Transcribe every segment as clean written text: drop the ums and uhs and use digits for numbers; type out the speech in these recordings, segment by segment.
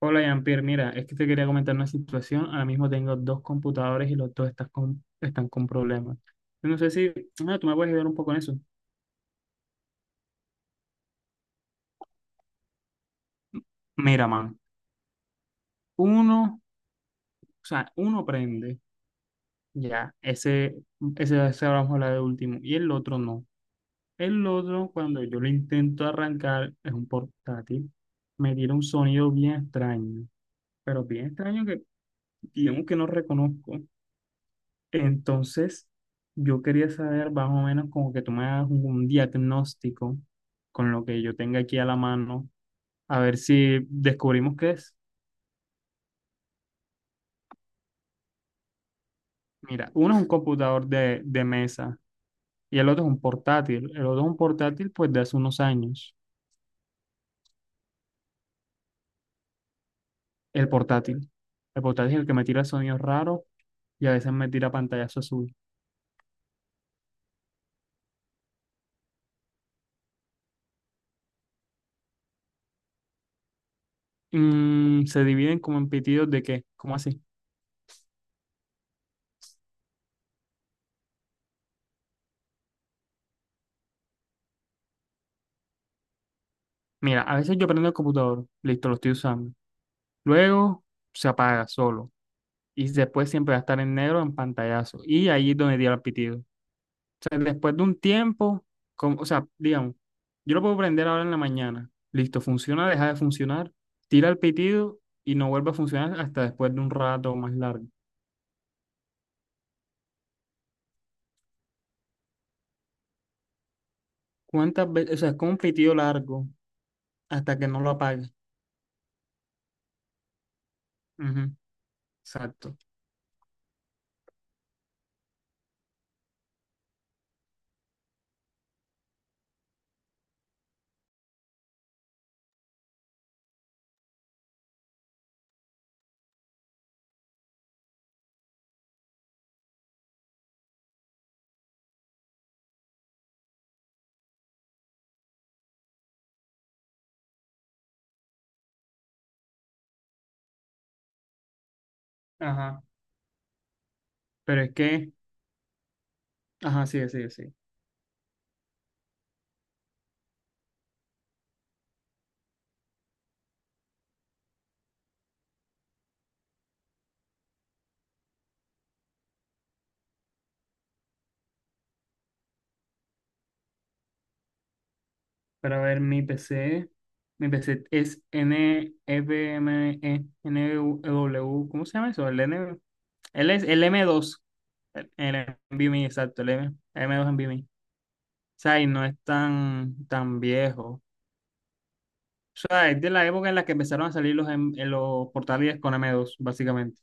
Hola, Jean-Pierre. Mira, es que te quería comentar una situación. Ahora mismo tengo dos computadores y los dos están con problemas. Yo no sé si tú me puedes ayudar un poco en eso. Mira, man, uno, o sea, uno prende, ya, ese vamos a hablar de último, y el otro no. El otro, cuando yo lo intento arrancar, es un portátil, me tira un sonido bien extraño, pero bien extraño que digamos que no reconozco. Entonces, yo quería saber más o menos como que tú me hagas un diagnóstico con lo que yo tenga aquí a la mano, a ver si descubrimos qué es. Mira, uno es un computador de mesa y el otro es un portátil. El otro es un portátil pues de hace unos años. El portátil. El portátil es el que me tira sonidos raros y a veces me tira pantallazo azul. Se dividen como en pitidos de qué, ¿cómo así? Mira, a veces yo prendo el computador, listo, lo estoy usando. Luego se apaga solo. Y después siempre va a estar en negro en pantallazo. Y ahí es donde diera el pitido. O sea, después de un tiempo, o sea, digamos, yo lo puedo prender ahora en la mañana. Listo, funciona, deja de funcionar, tira el pitido y no vuelve a funcionar hasta después de un rato más largo. ¿Cuántas veces? O sea, es como un pitido largo hasta que no lo apague. Ujú, exacto. Ajá. Pero es que, ajá, sí, sí, sí. Pero a ver, mi PC es n f m e n E w, ¿cómo se llama eso? El N. Él es el M.2, el NVMe, exacto, el M, 2 NVMe. O sea, y no es tan, tan viejo. O sea, es de la época en la que empezaron a salir los portátiles con M.2, básicamente.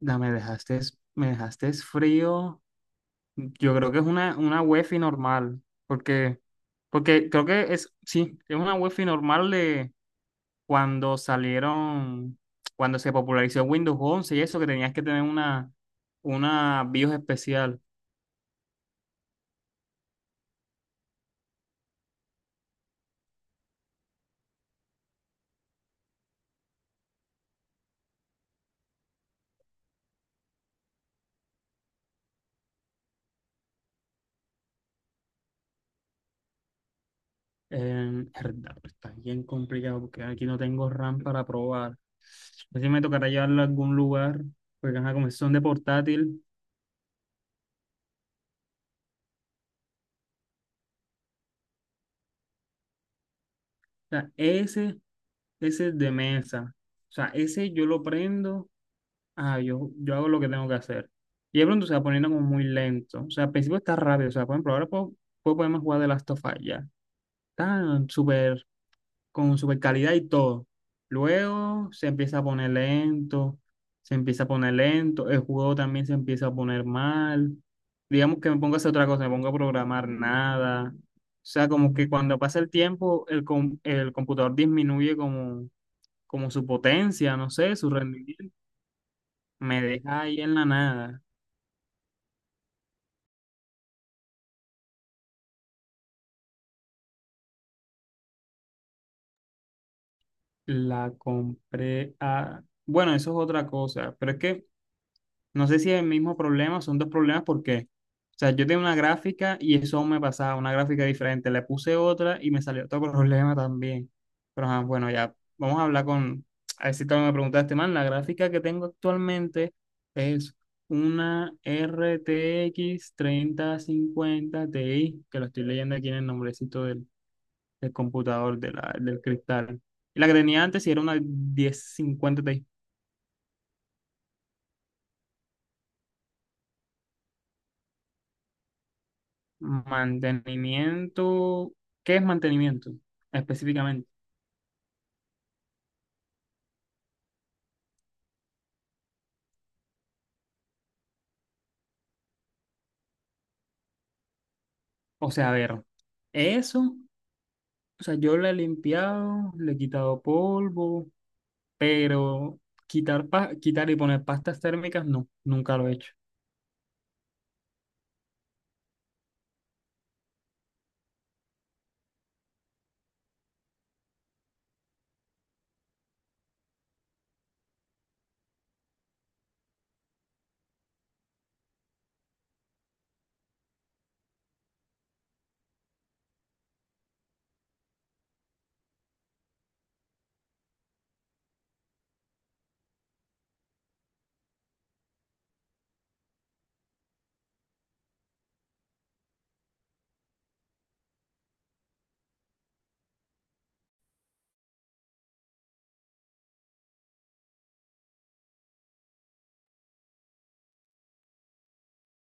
Ya, me dejaste frío. Yo creo que es una UEFI normal, porque, porque creo que es, sí, es una UEFI normal de cuando salieron, cuando se popularizó Windows 11 y eso, que tenías que tener una BIOS especial. Verdad, está bien complicado porque aquí no tengo RAM para probar. Así me tocará llevarlo a algún lugar, porque ajá, como son de portátil. O sea, ese es de mesa. O sea, ese yo lo prendo, yo hago lo que tengo que hacer. Y de pronto se va poniendo como muy lento. O sea, al principio está rápido. O sea, por ejemplo, ahora puedo ponerme a jugar de Last of Us ya. Está súper, con super calidad y todo. Luego se empieza a poner lento, se empieza a poner lento, el juego también se empieza a poner mal. Digamos que me pongo a hacer otra cosa, me pongo a programar nada. O sea, como que cuando pasa el tiempo, el computador disminuye como, su potencia, no sé, su rendimiento. Me deja ahí en la nada. Bueno, eso es otra cosa, pero es que no sé si es el mismo problema, son dos problemas porque, o sea, yo tenía una gráfica y eso me pasaba, una gráfica diferente, le puse otra y me salió otro problema también. Pero ajá, bueno, ya vamos a hablar con, a ver si también me preguntaste, man, la gráfica que tengo actualmente es una RTX 50 Ti, que lo estoy leyendo aquí en el nombrecito del computador, del cristal. Y la que tenía antes sí era una 1050 Ti. Mantenimiento, ¿qué es mantenimiento específicamente? O sea, a ver, eso, o sea, yo le he limpiado, le he quitado polvo, pero quitar y poner pastas térmicas, no, nunca lo he hecho.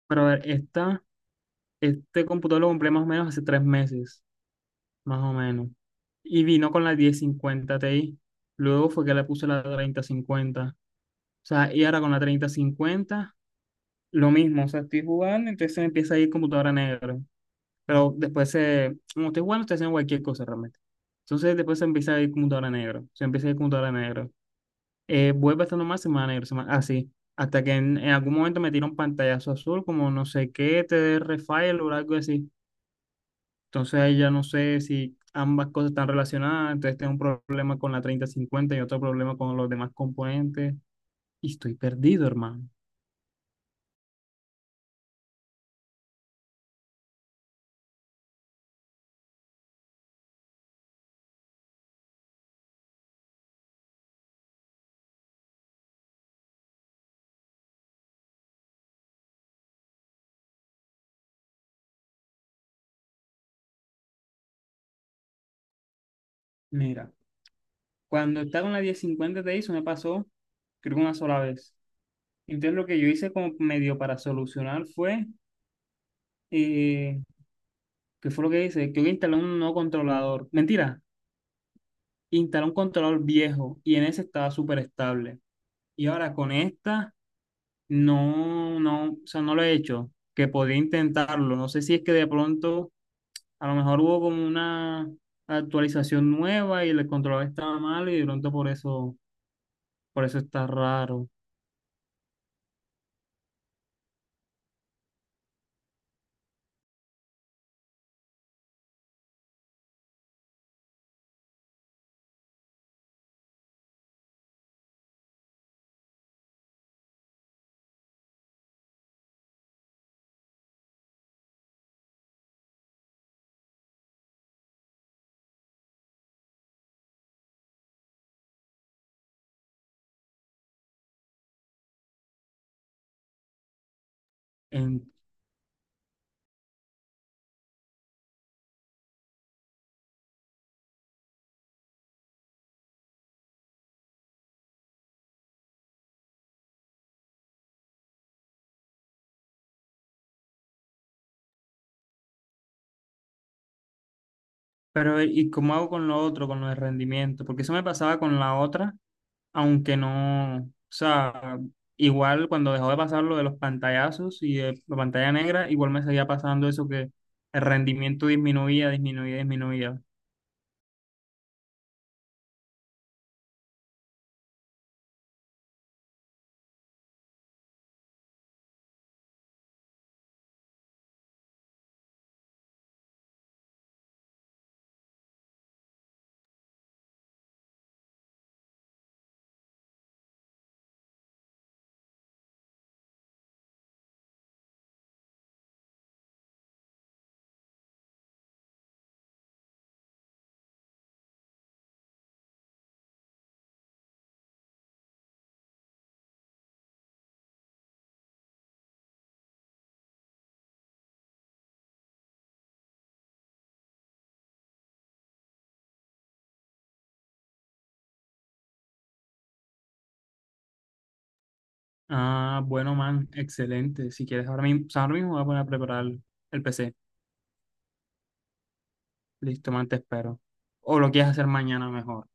Pero a ver, este computador lo compré más o menos hace 3 meses, más o menos. Y vino con la 1050 Ti. Luego fue que le puse la 3050. O sea, y ahora con la 3050. Lo mismo, o sea, estoy jugando, entonces se me empieza a ahí computadora negra. Pero después se, como estoy jugando, estoy haciendo cualquier cosa realmente. Entonces después se empieza a ir computadora negra. Se empieza a ir computadora negra. Vuelve estando más semana negra, semana, así. Hasta que en algún momento me tira un pantallazo azul, como no sé qué, te dé refile o algo así. Entonces ahí ya no sé si ambas cosas están relacionadas. Entonces tengo un problema con la 3050 y otro problema con los demás componentes. Y estoy perdido, hermano. Mira, cuando estaba en la 1050 Ti, eso me pasó, creo que una sola vez. Entonces lo que yo hice como medio para solucionar fue, eh, ¿qué fue lo que hice? Creo que instalé un nuevo controlador. Mentira, instalé un controlador viejo y en ese estaba súper estable. Y ahora con esta, no, no, o sea, no lo he hecho, que podría intentarlo. No sé si es que de pronto, a lo mejor hubo como una actualización nueva y el controlador estaba mal y de pronto por eso, está raro. Pero, ¿y cómo hago con lo otro, con lo de rendimiento? Porque eso me pasaba con la otra, aunque no, o sea, igual cuando dejó de pasar lo de los pantallazos y de la pantalla negra, igual me seguía pasando eso que el rendimiento disminuía, disminuía, disminuía. Ah, bueno, man, excelente. Si quieres, ahora mismo, o sea, ahora mismo voy a poner a preparar el PC. Listo, man, te espero. O lo quieres hacer mañana mejor.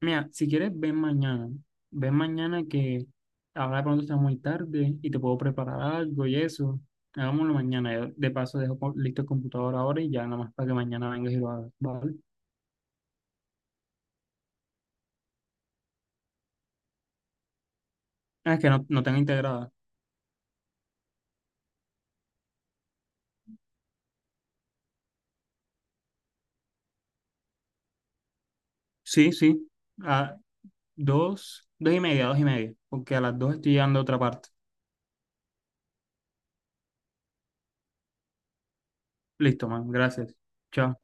Mira, si quieres, ven mañana. Ven mañana que ahora de pronto está muy tarde y te puedo preparar algo y eso. Hagámoslo mañana. Yo de paso dejo listo el computador ahora y ya nada más para que mañana vengas y lo hagas, ¿vale? Ah, es que no, no tengo integrada. Sí, sí. A dos y media. Porque a las dos estoy llegando a otra parte. Listo, man. Gracias. Chao.